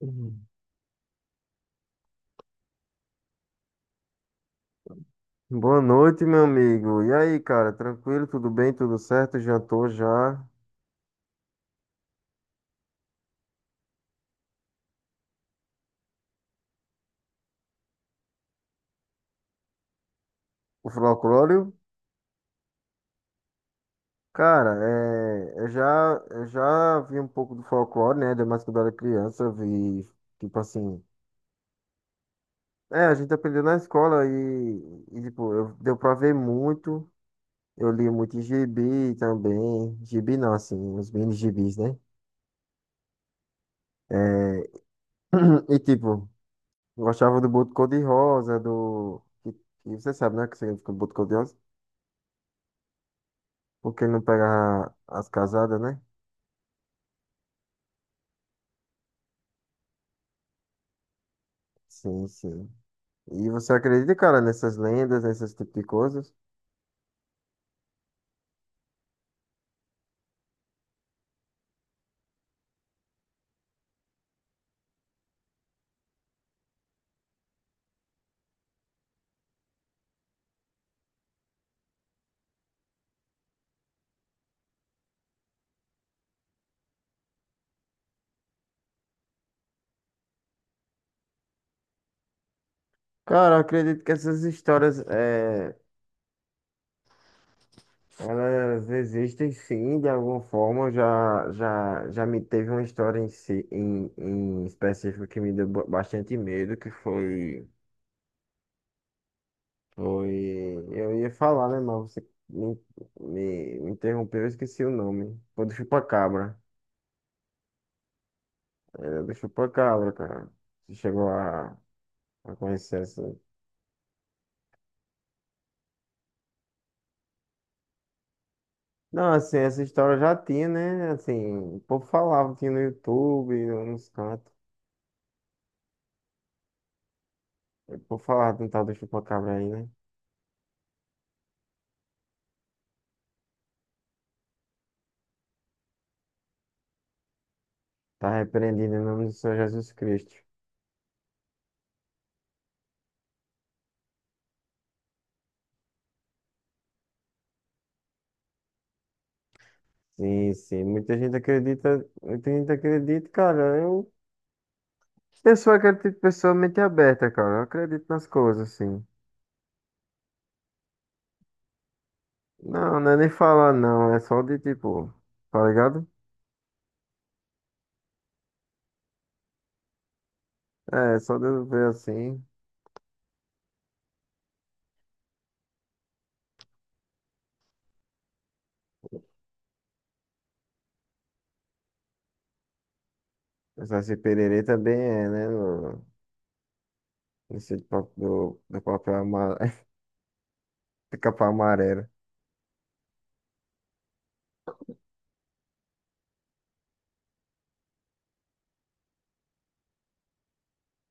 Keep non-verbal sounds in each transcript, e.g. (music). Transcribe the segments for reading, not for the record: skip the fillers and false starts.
Uhum. Boa noite, meu amigo. E aí, cara? Tranquilo? Tudo bem? Tudo certo? Jantou já? O folclore? Cara, eu já vi um pouco do folclore, né? Ainda mais quando eu era criança, eu vi, tipo assim. É, a gente aprendeu na escola e, tipo, eu, deu pra ver muito. Eu li muito gibi também. Gibi não, assim, os mini gibis, né? É, (clears throat) e, tipo, gostava do Boto Cor-de-Rosa, do. E você sabe, né? O que significa Boto Cor-de-Rosa? Porque não pega as casadas, né? Sim, sim. E você acredita, cara, nessas lendas, nesses tipos de coisas? Cara, eu acredito que essas histórias, é, elas existem sim, de alguma forma. Eu Já me teve uma história em específico que me deu bastante medo, que foi, foi, eu ia falar, né, mas você me interrompeu, eu esqueci o nome. Foi do Chupacabra, era do Chupacabra, cara. Você chegou a conhecer essa? Não, assim, essa história já tinha, né? Assim, o povo falava, tinha no YouTube, nos cantos. O povo falava de um tal do chupacabra aí, né? Tá repreendido em nome do Senhor Jesus Cristo. Sim, sim. Muita gente acredita, cara. Eu sou aquele tipo de pessoa mente aberta, cara. Eu acredito nas coisas, assim. Não, não é nem falar, não. É só de tipo, tá ligado? É, só de eu ver assim. Esse pererê também é, né? No, nesse do, do papel amarelo. (laughs) Capa amarela.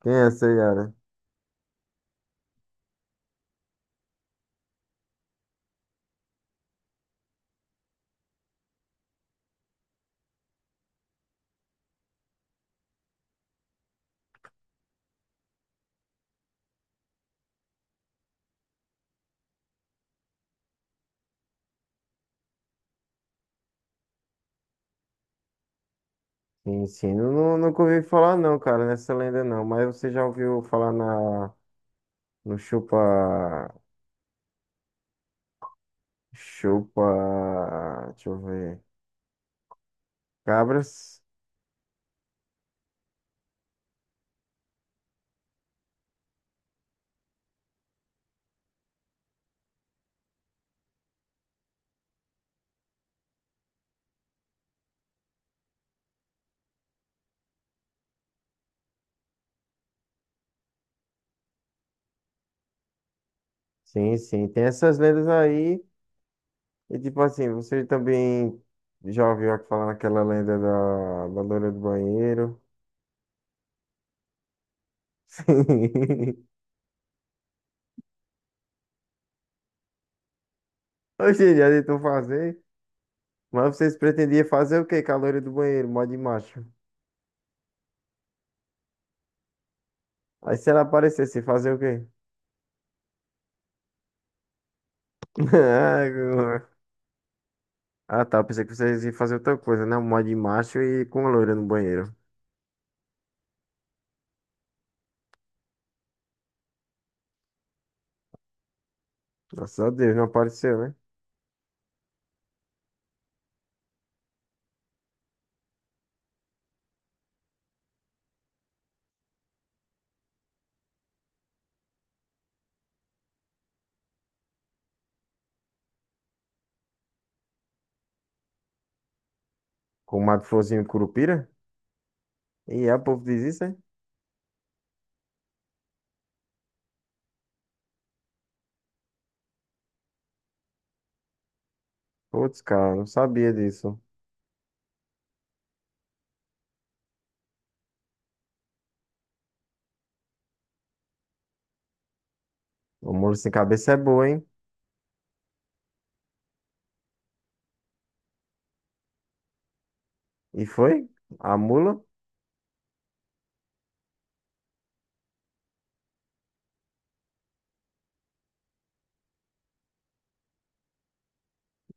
Quem é essa Yara? Sim, sim. Eu nunca ouvi falar não, cara, nessa lenda não. Mas você já ouviu falar na, no Chupa... Chupa... Deixa eu ver. Cabras? Sim, sim. Tem essas lendas aí. E tipo assim, você também já ouviu falar naquela lenda da, da loira do banheiro? (laughs) Sim. Oxe, já tentou fazer. Mas vocês pretendiam fazer o quê com a loira do banheiro? Mó de macho. Aí se ela aparecesse, fazer o quê? (laughs) Ah, Ah, tá. Eu pensei que vocês iam fazer outra coisa, né? Um mod de macho e com a loira no banheiro. Graças a Deus, não apareceu, né? Com o Mato Florzinho Curupira? E é, o povo diz isso, hein? Putz, cara, não sabia disso. O mula sem cabeça é boa, hein? E foi? A mula?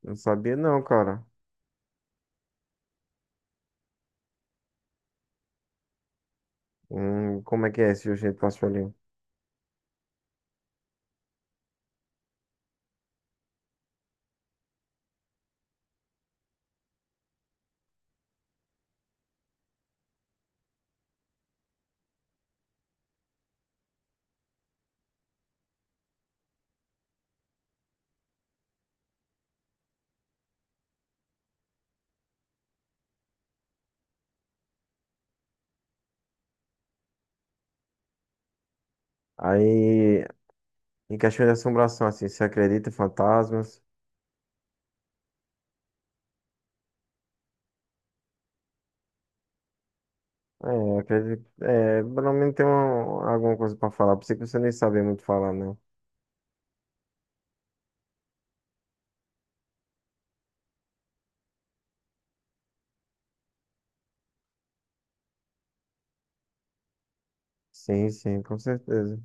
Não sabia não, cara. Como é que é esse jeito pastorinho? Aí, em questão de assombração, assim, você acredita em fantasmas? É, acredito. É, pelo menos tem uma, alguma coisa pra falar. Pensei que você nem sabia muito falar, não. Sim, sim, com certeza.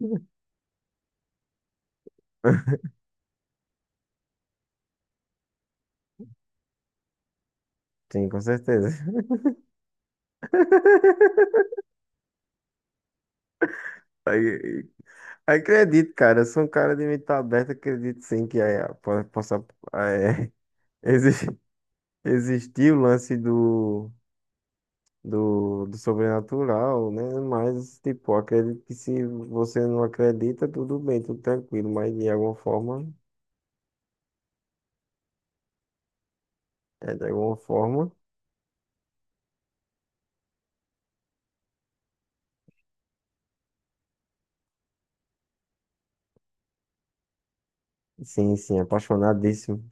(laughs) Sim, com certeza. (laughs) Aí, aí acredito, cara. Eu sou um cara de mente aberta. Acredito sim que é, possa ah, é, (laughs) exi- existir o lance do, do, do sobrenatural, né? Mas, tipo, acredito que se você não acredita, tudo bem, tudo tranquilo. Mas de alguma forma, é, de alguma forma, sim, sim, apaixonadíssimo.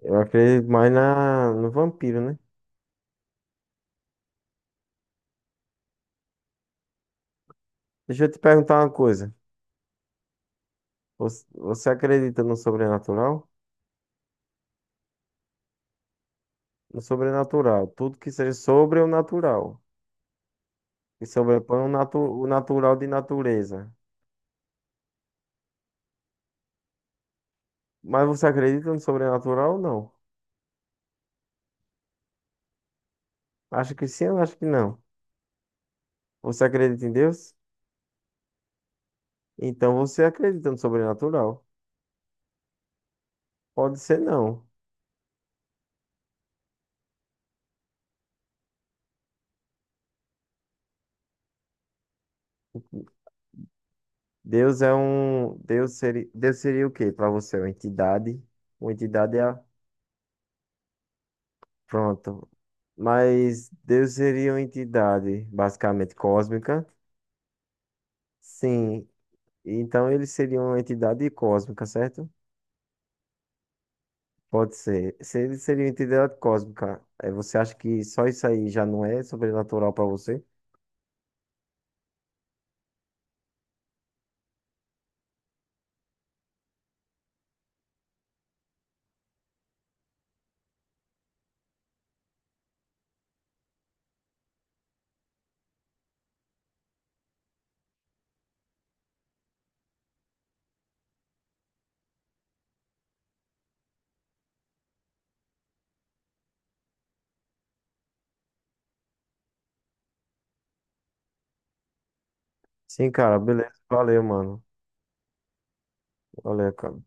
Eu acredito mais na, no vampiro, né? Deixa eu te perguntar uma coisa. Você, você acredita no sobrenatural? O sobrenatural. Tudo que seja sobre o natural. E sobrepõe o, natu o natural de natureza. Mas você acredita no sobrenatural ou não? Acha que sim ou acha que não? Você acredita em Deus? Então você acredita no sobrenatural. Pode ser não. Deus é um. Deus seria o quê para você? Uma entidade? Uma entidade é. A- Pronto. Mas Deus seria uma entidade basicamente cósmica? Sim. Então ele seria uma entidade cósmica, certo? Pode ser. Seria, seria uma entidade cósmica. É, você acha que só isso aí já não é sobrenatural pra você? Sim, cara, beleza. Valeu, mano. Valeu, cara.